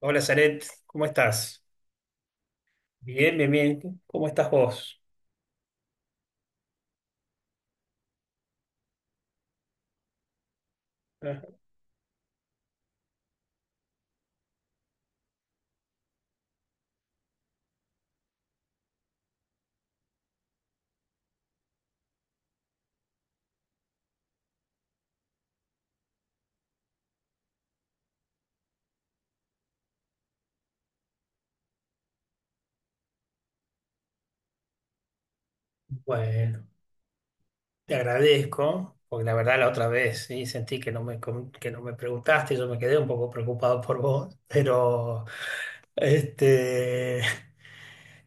Hola, Zaret, ¿cómo estás? Bien, bien, bien. ¿Cómo estás vos? Ah, bueno, te agradezco, porque la verdad la otra vez sí, sentí que que no me preguntaste. Yo me quedé un poco preocupado por vos, pero este,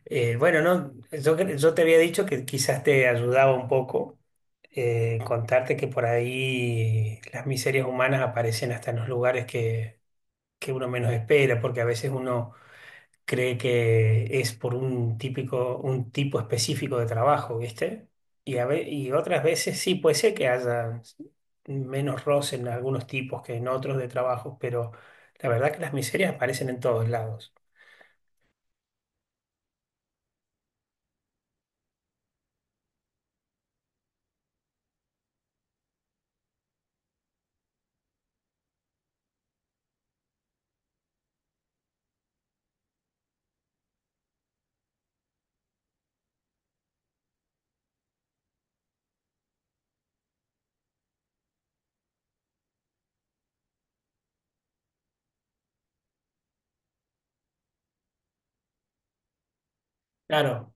bueno, no, yo te había dicho que quizás te ayudaba un poco contarte que por ahí las miserias humanas aparecen hasta en los lugares que uno menos espera, porque a veces uno cree que es por un típico, un tipo específico de trabajo, ¿viste? Y otras veces sí puede ser que haya menos roce en algunos tipos que en otros de trabajos, pero la verdad que las miserias aparecen en todos lados. Claro,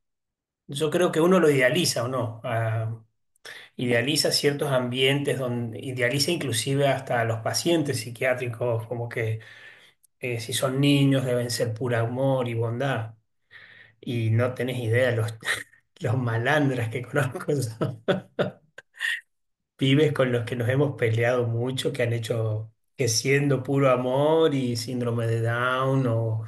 yo creo que uno lo idealiza o no, ah, idealiza ciertos ambientes donde idealiza inclusive hasta a los pacientes psiquiátricos, como que si son niños deben ser pura amor y bondad. Y no tenés idea los malandras que conozco son pibes con los que nos hemos peleado mucho, que han hecho que siendo puro amor y síndrome de Down o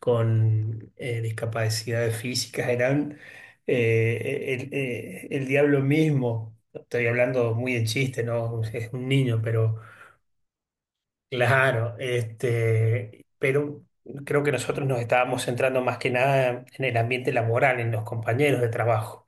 con discapacidades físicas eran el diablo mismo. Estoy hablando muy en chiste, ¿no? Es un niño, pero claro, pero creo que nosotros nos estábamos centrando más que nada en el ambiente laboral, en los compañeros de trabajo.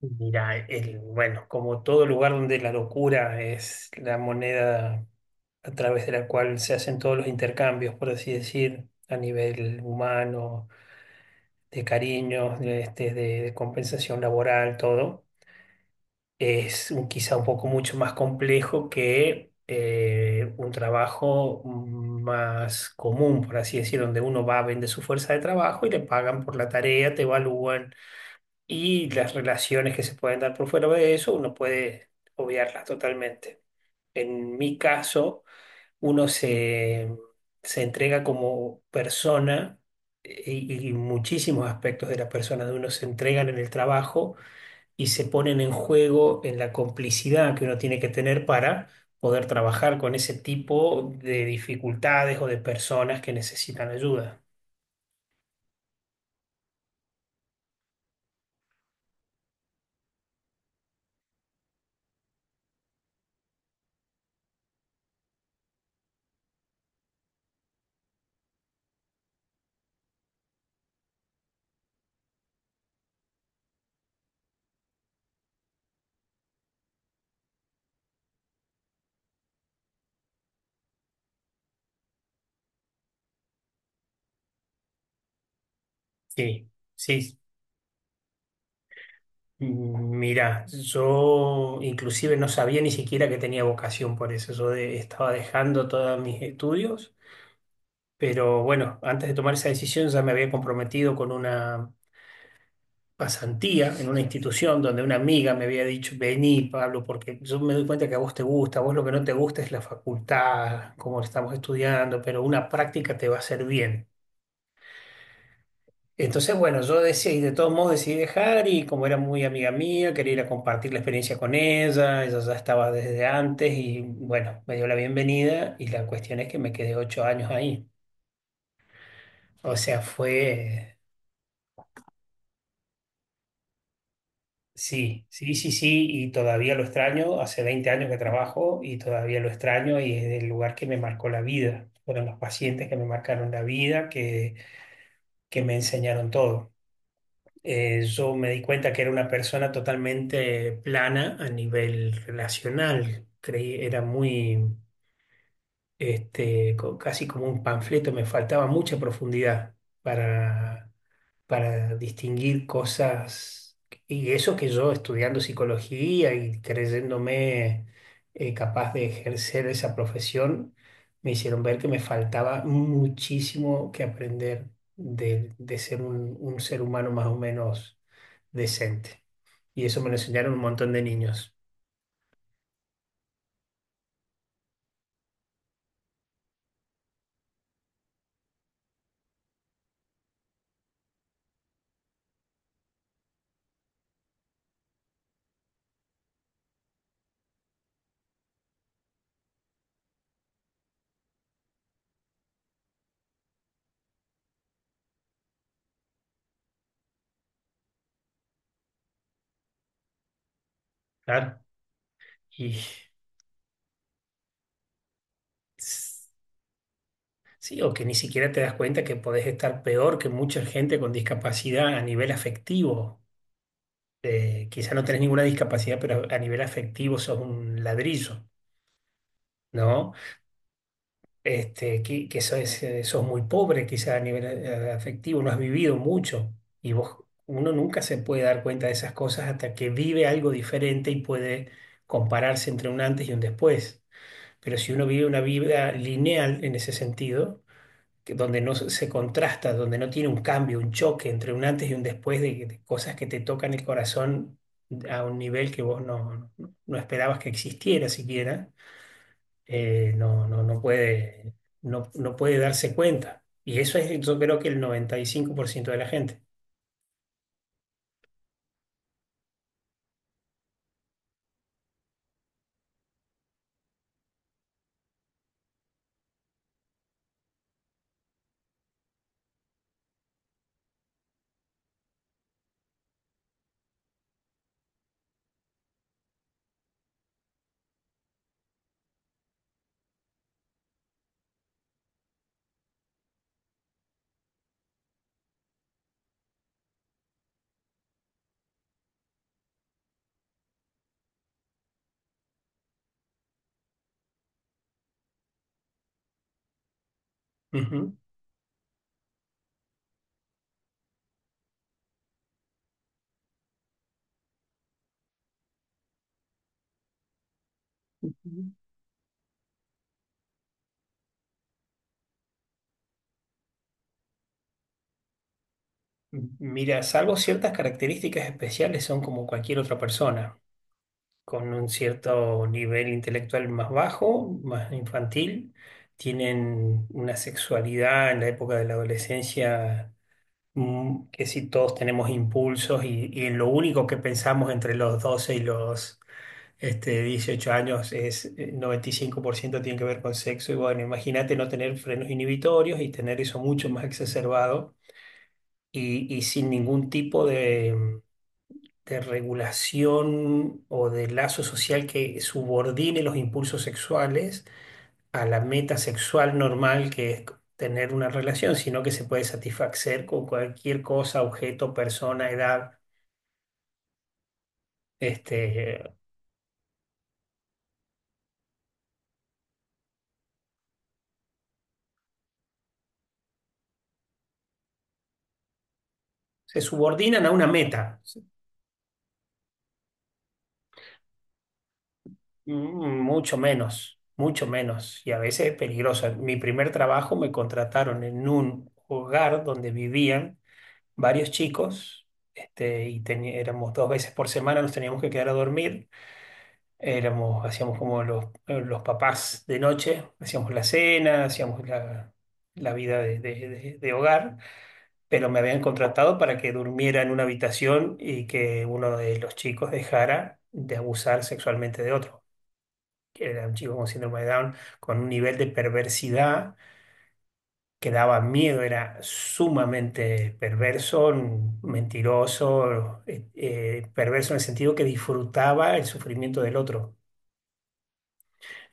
Mira, bueno, como todo lugar donde la locura es la moneda a través de la cual se hacen todos los intercambios, por así decir, a nivel humano, de cariños, de compensación laboral, todo, es quizá un poco mucho más complejo que un trabajo más común, por así decir, donde uno va, vende su fuerza de trabajo y le pagan por la tarea, te evalúan, y las relaciones que se pueden dar por fuera de eso, uno puede obviarlas totalmente. En mi caso, uno se entrega como persona, y muchísimos aspectos de la persona de uno se entregan en el trabajo y se ponen en juego en la complicidad que uno tiene que tener para poder trabajar con ese tipo de dificultades o de personas que necesitan ayuda. Sí, sí. Mira, yo inclusive no sabía ni siquiera que tenía vocación por eso. Yo estaba dejando todos mis estudios, pero bueno, antes de tomar esa decisión ya me había comprometido con una pasantía en una institución donde una amiga me había dicho, vení, Pablo, porque yo me doy cuenta que a vos te gusta, a vos lo que no te gusta es la facultad, cómo estamos estudiando, pero una práctica te va a hacer bien. Entonces, bueno, yo decidí, de todos modos decidí dejar, y como era muy amiga mía, quería ir a compartir la experiencia con ella, ella ya estaba desde antes y bueno, me dio la bienvenida, y la cuestión es que me quedé 8 años ahí. O sea, fue, sí, sí, sí, sí, y todavía lo extraño, hace 20 años que trabajo y todavía lo extraño, y es el lugar que me marcó la vida. Fueron los pacientes que me marcaron la vida, que me enseñaron todo. Yo me di cuenta que era una persona totalmente plana a nivel relacional. Creí, era muy, casi como un panfleto, me faltaba mucha profundidad para, para distinguir cosas. Y eso que yo estudiando psicología y creyéndome capaz de ejercer esa profesión, me hicieron ver que me faltaba muchísimo que aprender de ser un ser humano más o menos decente. Y eso me lo enseñaron un montón de niños. Claro. Y s- sí, o que ni siquiera te das cuenta que podés estar peor que mucha gente con discapacidad a nivel afectivo. Quizá no tenés ninguna discapacidad, pero a nivel afectivo sos un ladrillo, ¿no? Que sos, sos muy pobre, quizá a nivel afectivo, no has vivido mucho. Y vos, uno nunca se puede dar cuenta de esas cosas hasta que vive algo diferente y puede compararse entre un antes y un después. Pero si uno vive una vida lineal en ese sentido, que donde no se contrasta, donde no tiene un cambio, un choque entre un antes y un después, de cosas que te tocan el corazón a un nivel que vos no esperabas que existiera siquiera, eh, no, no, no puede, no puede darse cuenta. Y eso es, yo creo que el 95% de la gente. Ujú. Mira, salvo ciertas características especiales, son como cualquier otra persona, con un cierto nivel intelectual más bajo, más infantil. Tienen una sexualidad en la época de la adolescencia que, si todos tenemos impulsos, y lo único que pensamos entre los 12 y los 18 años es 95% tiene que ver con sexo, y bueno, imagínate no tener frenos inhibitorios y tener eso mucho más exacerbado, y sin ningún tipo de regulación o de lazo social que subordine los impulsos sexuales a la meta sexual normal, que es tener una relación, sino que se puede satisfacer con cualquier cosa, objeto, persona, edad. Este, se subordinan a una meta. Mucho menos, mucho menos, y a veces es peligroso. En mi primer trabajo me contrataron en un hogar donde vivían varios chicos, y éramos dos veces por semana, nos teníamos que quedar a dormir, éramos, hacíamos como los papás de noche, hacíamos la cena, hacíamos la, la vida de hogar, pero me habían contratado para que durmiera en una habitación y que uno de los chicos dejara de abusar sexualmente de otro, que era un chico con síndrome de Down, con un nivel de perversidad que daba miedo, era sumamente perverso, mentiroso, perverso en el sentido que disfrutaba el sufrimiento del otro.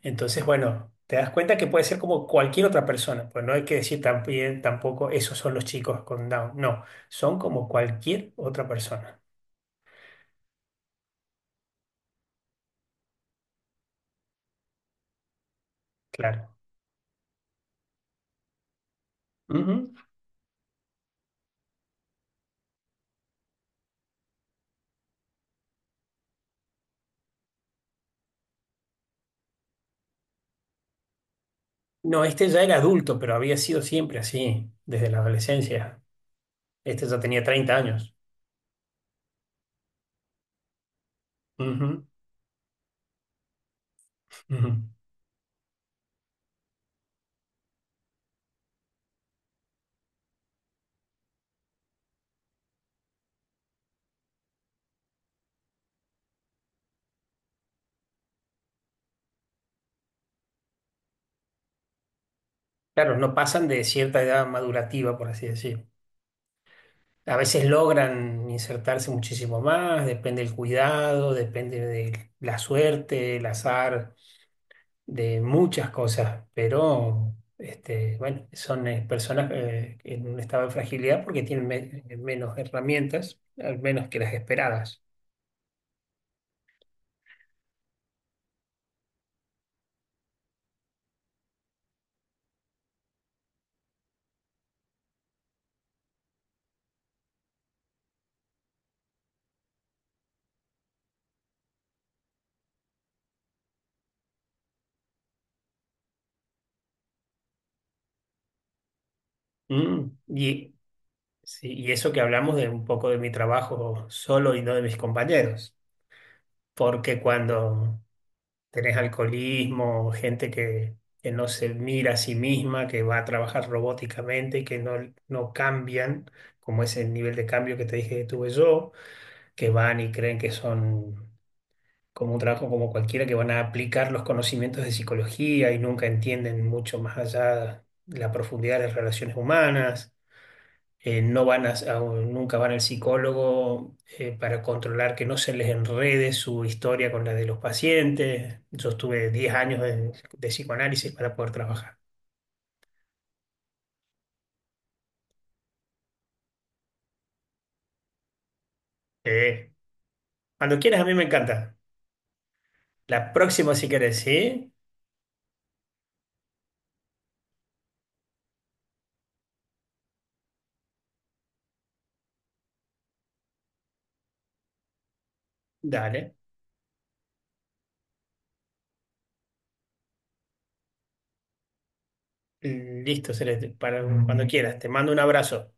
Entonces, bueno, te das cuenta que puede ser como cualquier otra persona, pues no hay que decir también, tampoco esos son los chicos con Down, no, son como cualquier otra persona, claro. Ujú. No, este ya era adulto, pero había sido siempre así, desde la adolescencia. Este ya tenía 30 años. Ujú, ujú. Claro, no pasan de cierta edad madurativa, por así decir. A veces logran insertarse muchísimo más, depende del cuidado, depende de la suerte, el azar, de muchas cosas, pero este, bueno, son personas en un estado de fragilidad porque tienen menos herramientas, al menos que las esperadas. Y, sí, y eso que hablamos de un poco de mi trabajo solo y no de mis compañeros, porque cuando tenés alcoholismo, gente que no se mira a sí misma, que va a trabajar robóticamente y que no cambian, como ese nivel de cambio que te dije que tuve yo, que van y creen que son como un trabajo como cualquiera, que van a aplicar los conocimientos de psicología y nunca entienden mucho más allá la profundidad de las relaciones humanas. Eh, no van a, a- un- nunca van al psicólogo para controlar que no se les enrede su historia con la de los pacientes. Yo estuve 10 años de psicoanálisis para poder trabajar. Sí. Cuando quieras, a mí me encanta. La próxima, si querés, ¿sí? Dale. Listo, Celeste. Para, cuando quieras. Te mando un abrazo.